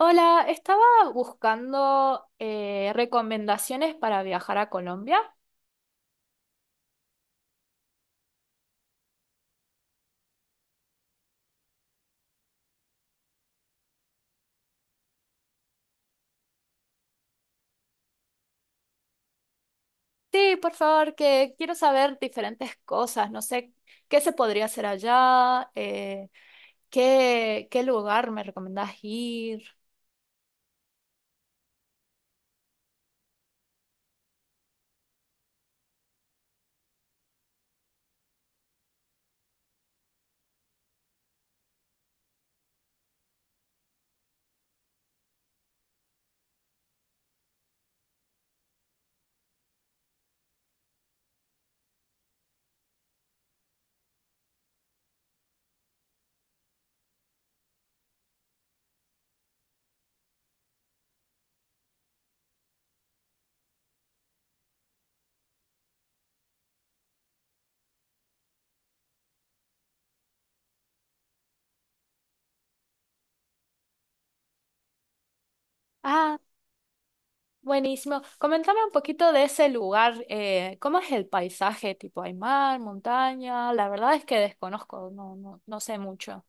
Hola, estaba buscando recomendaciones para viajar a Colombia. Sí, por favor, que quiero saber diferentes cosas. No sé qué se podría hacer allá, qué lugar me recomendás ir. Ah, buenísimo. Coméntame un poquito de ese lugar. ¿Cómo es el paisaje? Tipo, ¿hay mar, montaña? La verdad es que desconozco, no, no sé mucho.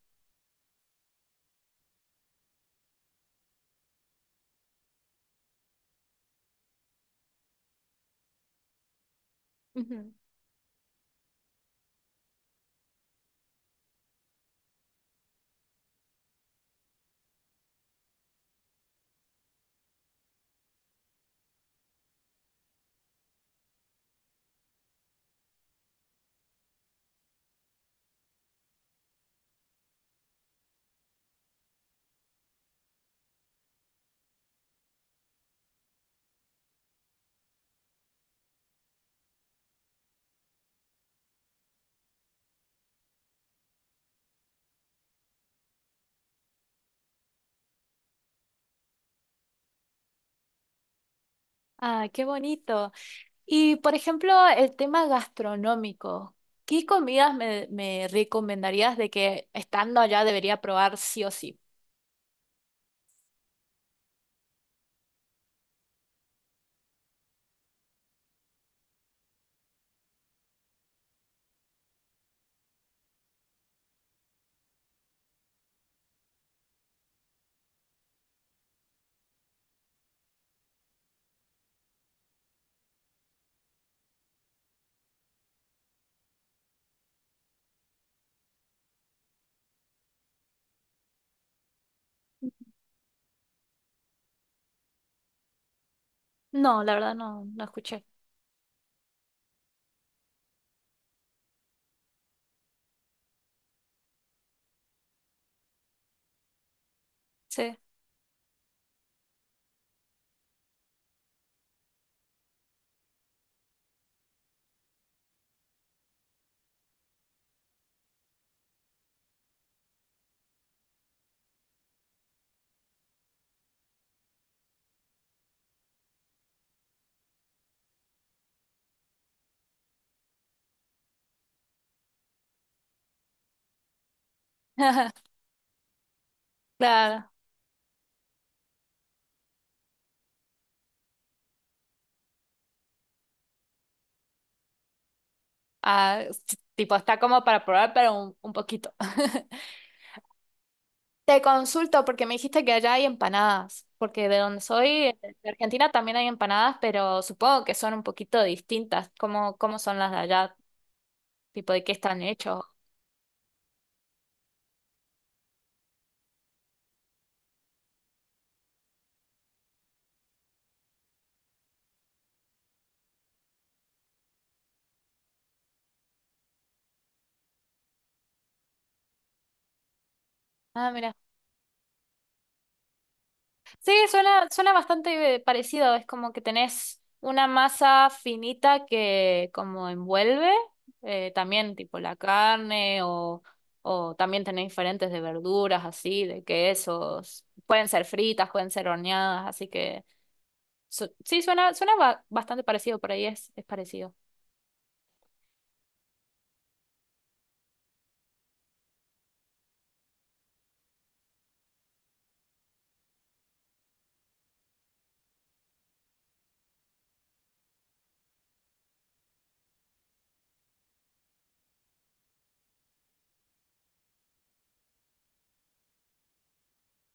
Ujú. Ah, qué bonito. Y por ejemplo, el tema gastronómico, ¿qué comidas me recomendarías de que estando allá debería probar sí o sí? No, la verdad no escuché. Sí. Claro. Ah, sí, tipo, está como para probar, pero un poquito. Te consulto porque me dijiste que allá hay empanadas, porque de donde soy, de Argentina también hay empanadas, pero supongo que son un poquito distintas. ¿Cómo, cómo son las de allá? Tipo, ¿de qué están hechos? Ah, mira. Sí, suena bastante parecido. Es como que tenés una masa finita que como envuelve también tipo la carne o también tenés diferentes de verduras así, de quesos. Pueden ser fritas, pueden ser horneadas, así que sí, suena bastante parecido, por ahí es parecido.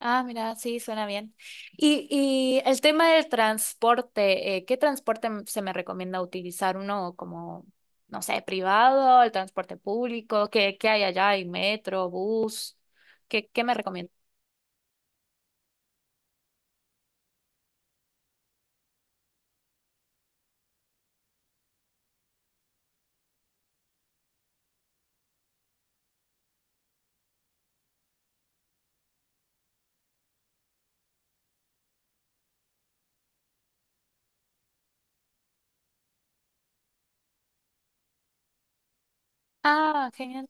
Ah, mira, sí, suena bien. Y el tema del transporte, ¿qué transporte se me recomienda utilizar? ¿Uno como, no sé, privado, el transporte público? ¿Qué, qué hay allá? ¿Hay metro, bus? ¿Qué, qué me recomienda? Ah, genial.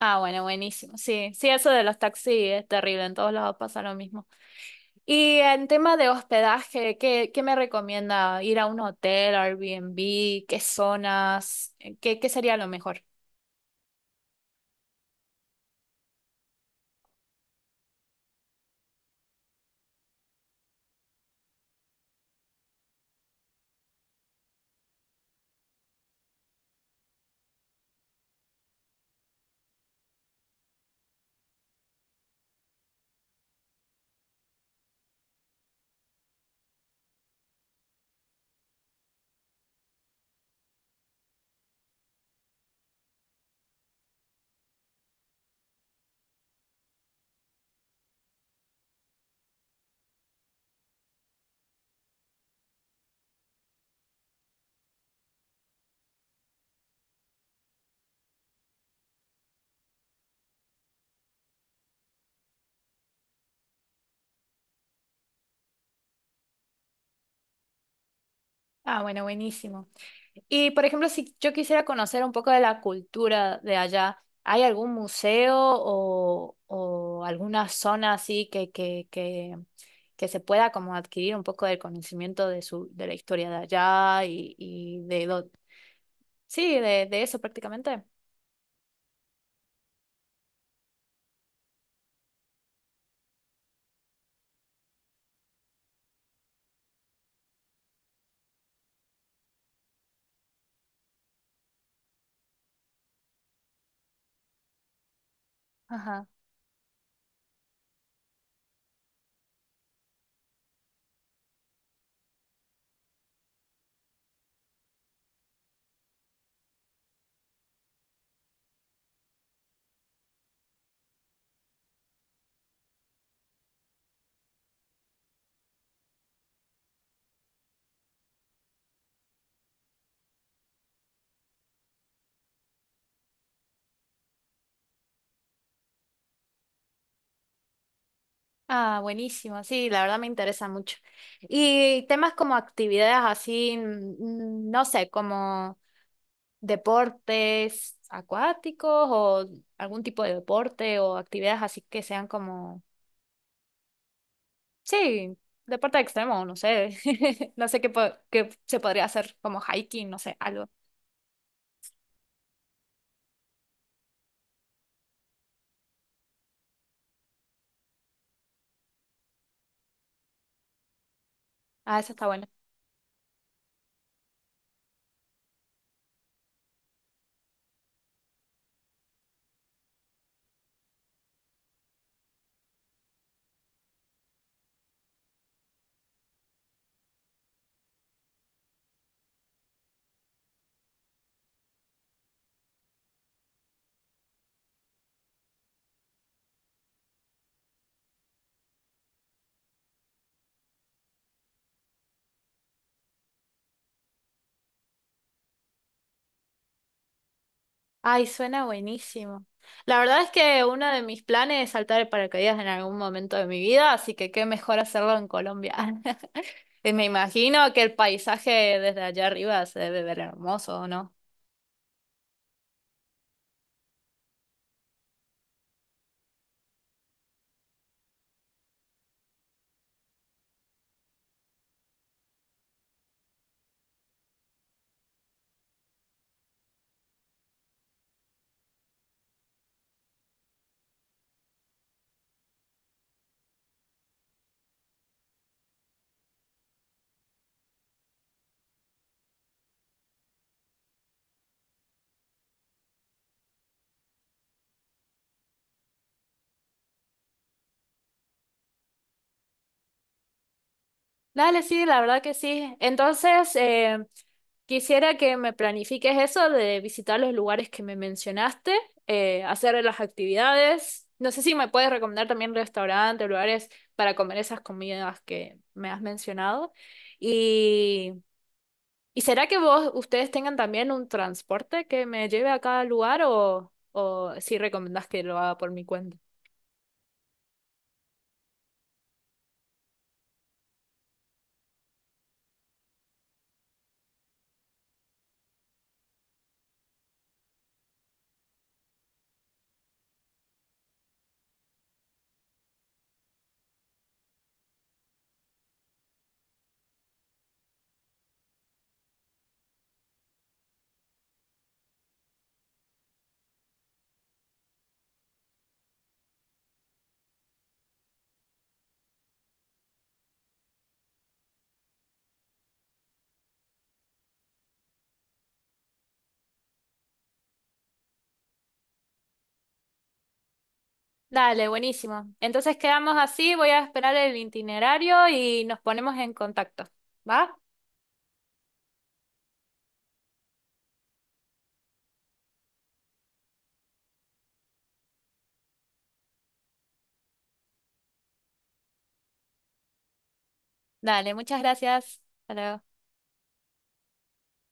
Ah, bueno, buenísimo. Sí, sí, eso de los taxis es terrible. En todos lados pasa lo mismo. Y en tema de hospedaje, ¿qué, qué me recomienda? ¿Ir a un hotel, Airbnb? ¿Qué zonas? ¿Qué, qué sería lo mejor? Ah, bueno, buenísimo. Y por ejemplo, si yo quisiera conocer un poco de la cultura de allá, ¿hay algún museo o alguna zona así que se pueda como adquirir un poco del conocimiento de su, de la historia de allá y de sí, de eso prácticamente? Ajá. Ah, buenísimo. Sí, la verdad me interesa mucho. Y temas como actividades así, no sé, como deportes acuáticos o algún tipo de deporte o actividades así que sean como, sí, deporte extremo, no sé, no sé qué, qué se podría hacer como hiking, no sé, algo. Ah, eso está bueno. Ay, suena buenísimo. La verdad es que uno de mis planes es saltar el paracaídas en algún momento de mi vida, así que qué mejor hacerlo en Colombia. Y me imagino que el paisaje desde allá arriba se debe ver hermoso, ¿no? Dale, sí, la verdad que sí. Entonces, quisiera que me planifiques eso de visitar los lugares que me mencionaste, hacer las actividades. No sé si me puedes recomendar también restaurantes, lugares para comer esas comidas que me has mencionado. Y, ¿Y será que vos, ustedes tengan también un transporte que me lleve a cada lugar o si recomendás que lo haga por mi cuenta? Dale, buenísimo. Entonces quedamos así, voy a esperar el itinerario y nos ponemos en contacto. ¿Va? Dale, muchas gracias. Hasta luego.